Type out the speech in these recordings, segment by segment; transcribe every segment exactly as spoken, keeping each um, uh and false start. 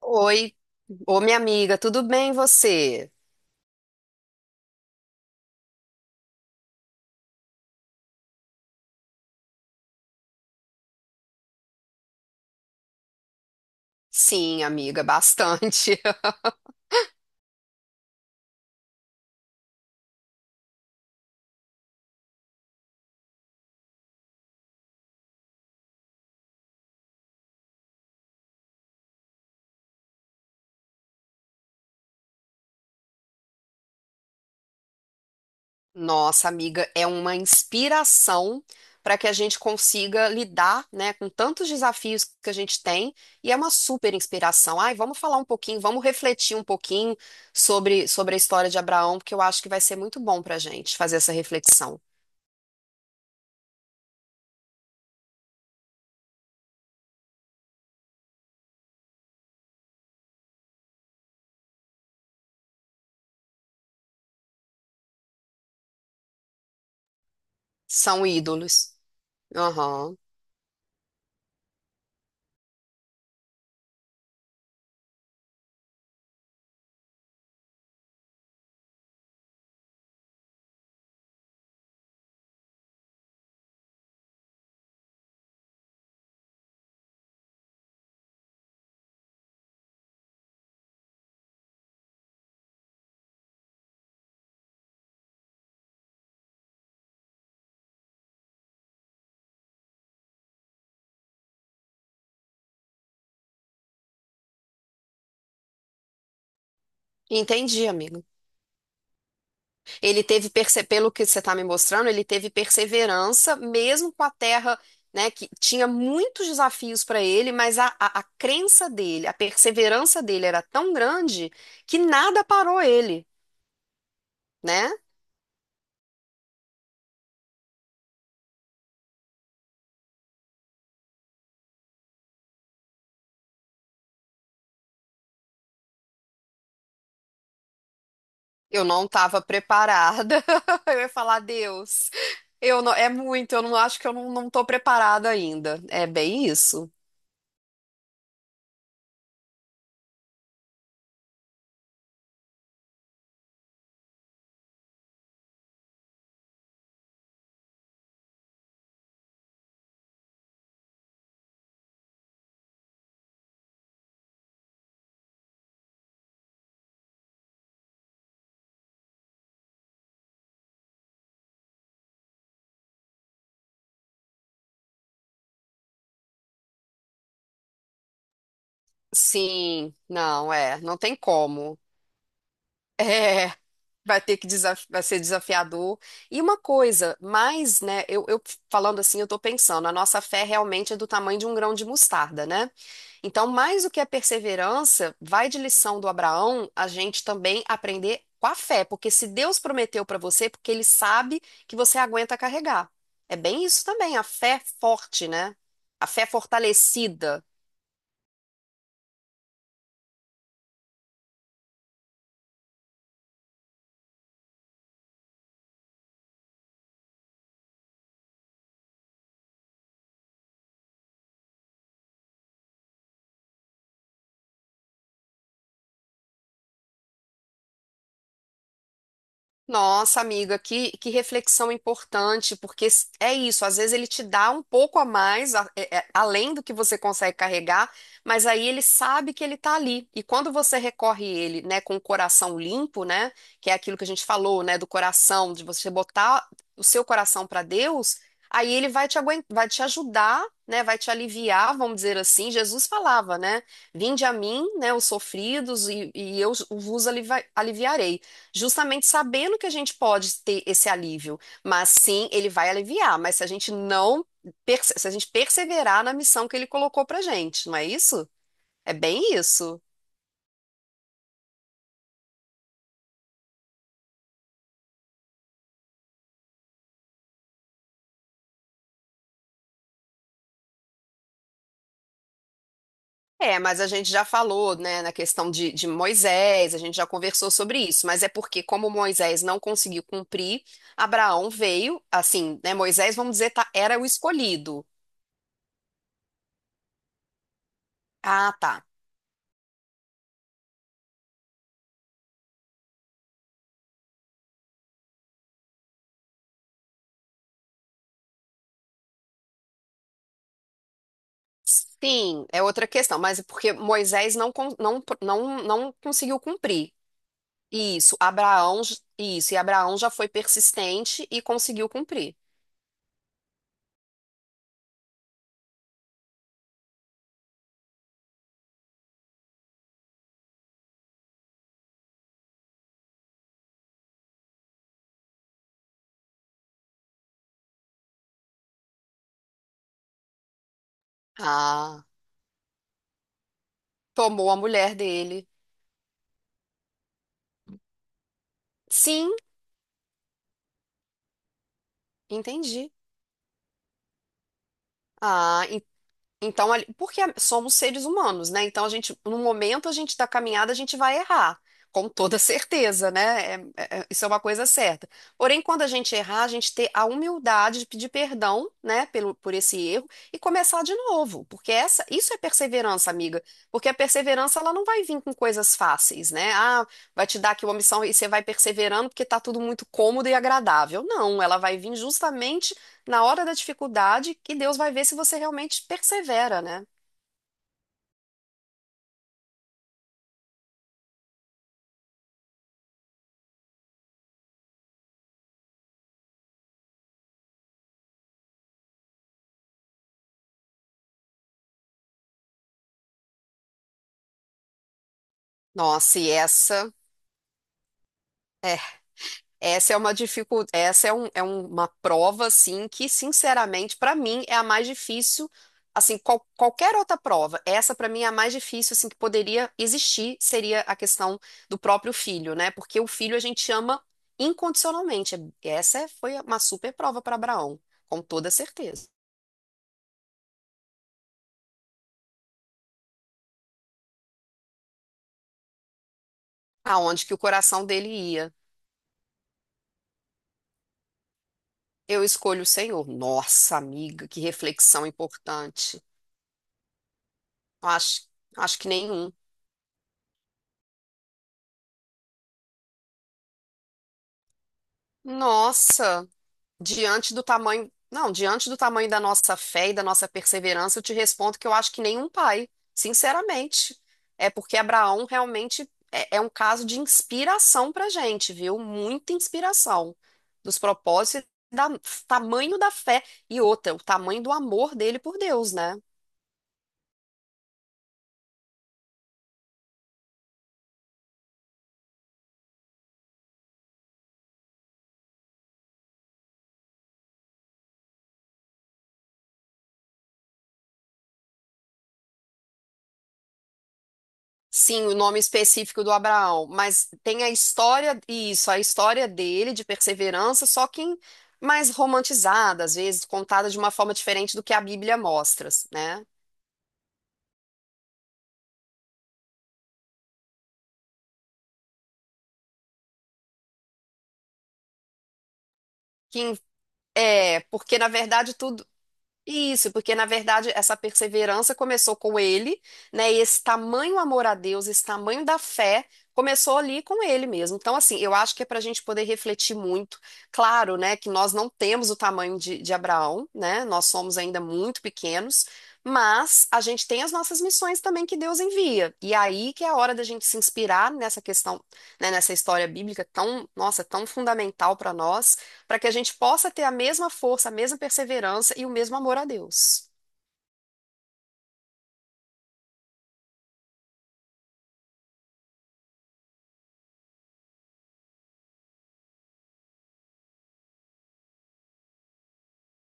Oi, ô minha amiga, tudo bem e você? Sim, amiga, bastante. Nossa, amiga, é uma inspiração para que a gente consiga lidar, né, com tantos desafios que a gente tem e é uma super inspiração. Ai, vamos falar um pouquinho, vamos refletir um pouquinho sobre, sobre a história de Abraão, porque eu acho que vai ser muito bom para a gente fazer essa reflexão. São ídolos. Aham. Entendi, amiga. Ele teve, perse- pelo que você está me mostrando, ele teve perseverança, mesmo com a terra, né, que tinha muitos desafios para ele, mas a, a, a crença dele, a perseverança dele era tão grande que nada parou ele, né? Eu não estava preparada. Eu ia falar, Deus, eu não, é muito, eu não acho que eu não, não estou preparada ainda. É bem isso. Sim, não, é, não tem como. É. Vai ter que desaf- vai ser desafiador. E uma coisa, mais, né, eu, eu falando assim, eu tô pensando, a nossa fé realmente é do tamanho de um grão de mostarda, né? Então, mais do que a perseverança, vai de lição do Abraão, a gente também aprender com a fé, porque se Deus prometeu para você, é porque ele sabe que você aguenta carregar. É bem isso também, a fé forte, né? A fé fortalecida. Nossa, amiga, que, que reflexão importante, porque s- é isso, às vezes ele te dá um pouco a mais, a- é- é- além do que você consegue carregar, mas aí ele sabe que ele está ali. E quando você recorre a ele, né, com o coração limpo, né, que é aquilo que a gente falou, né, do coração, de você botar o seu coração para Deus, aí ele vai te aguentar, vai te ajudar, né, vai te aliviar, vamos dizer assim. Jesus falava, né, vinde a mim, né, os sofridos, e, e eu vos alivi- aliviarei. Justamente sabendo que a gente pode ter esse alívio, mas sim, ele vai aliviar, mas se a gente não, perse- se a gente perseverar na missão que ele colocou pra gente, não é isso? É bem isso. É, mas a gente já falou, né, na questão de, de Moisés, a gente já conversou sobre isso, mas é porque como Moisés não conseguiu cumprir, Abraão veio, assim, né, Moisés, vamos dizer, tá- era o escolhido. Ah, tá. Sim, é outra questão, mas é porque Moisés não, con- não, não, não conseguiu cumprir. Isso, Abraão, j- isso, e Abraão já foi persistente e conseguiu cumprir. Ah, tomou a mulher dele. Sim, entendi. Ah, então, ali- porque somos seres humanos, né? Então, a gente, no momento a gente da caminhada, a gente vai errar, com toda certeza, né? É- é- é- isso é uma coisa certa. Porém, quando a gente errar, a gente ter a humildade de pedir perdão, né, pelo, por esse erro e começar de novo, porque essa, isso é perseverança, amiga. Porque a perseverança, ela não vai vir com coisas fáceis, né? Ah, vai te dar aqui uma missão e você vai perseverando porque tá tudo muito cômodo e agradável. Não, ela vai vir justamente na hora da dificuldade, que Deus vai ver se você realmente persevera, né? Nossa, e essa é, essa é uma dificuldade, essa é, um, é um- uma prova assim que, sinceramente, para mim é a mais difícil. Assim, qual- qualquer outra prova, essa para mim é a mais difícil assim que poderia existir, seria a questão do próprio filho, né? Porque o filho a gente ama incondicionalmente. Essa é- foi uma super prova para Abraão, com toda certeza. Aonde que o coração dele ia, eu escolho o Senhor. Nossa, amiga, que reflexão importante. Acho, acho que nenhum. Nossa, diante do tamanho, não, diante do tamanho da nossa fé e da nossa perseverança, eu te respondo que eu acho que nenhum pai, sinceramente. É porque Abraão realmente é, é um caso de inspiração pra gente, viu? Muita inspiração dos propósitos e da tamanho da fé e outra, o tamanho do amor dele por Deus, né? Sim, o nome específico do Abraão, mas tem a história, isso, a história dele de perseverança, só que em- mais romantizada, às vezes, contada de uma forma diferente do que a Bíblia mostra, né? Que, em- é, porque na verdade tudo Isso, porque na verdade essa perseverança começou com ele, né? E esse tamanho amor a Deus, esse tamanho da fé, começou ali com ele mesmo. Então, assim, eu acho que é para a gente poder refletir muito. Claro, né, que nós não temos o tamanho de, de Abraão, né? Nós somos ainda muito pequenos, mas a gente tem as nossas missões também que Deus envia. E aí que é a hora da gente se inspirar nessa questão, né, nessa história bíblica tão, nossa, tão fundamental para nós para que a gente possa ter a mesma força, a mesma perseverança e o mesmo amor a Deus.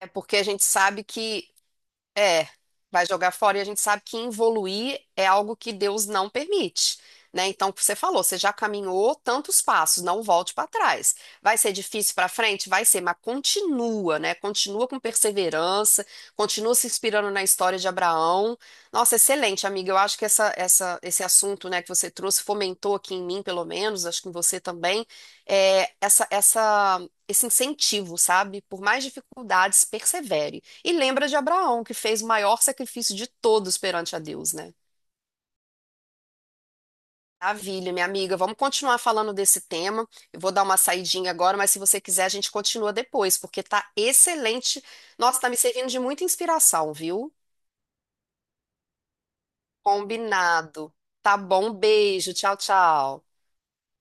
É porque a gente sabe que É, vai jogar fora e a gente sabe que evoluir é algo que Deus não permite, né? Então, o que você falou, você já caminhou tantos passos, não volte para trás. Vai ser difícil para frente? Vai ser, mas continua, né? Continua com perseverança, continua se inspirando na história de Abraão. Nossa, excelente, amiga. Eu acho que essa, essa, esse assunto, né, que você trouxe fomentou aqui em mim, pelo menos, acho que em você também, é, essa, essa, esse incentivo, sabe? Por mais dificuldades, persevere. E lembra de Abraão, que fez o maior sacrifício de todos perante a Deus, né? Maravilha, minha amiga. Vamos continuar falando desse tema. Eu vou dar uma saidinha agora, mas se você quiser, a gente continua depois, porque tá excelente. Nossa, tá me servindo de muita inspiração, viu? Combinado. Tá bom, beijo. Tchau, tchau.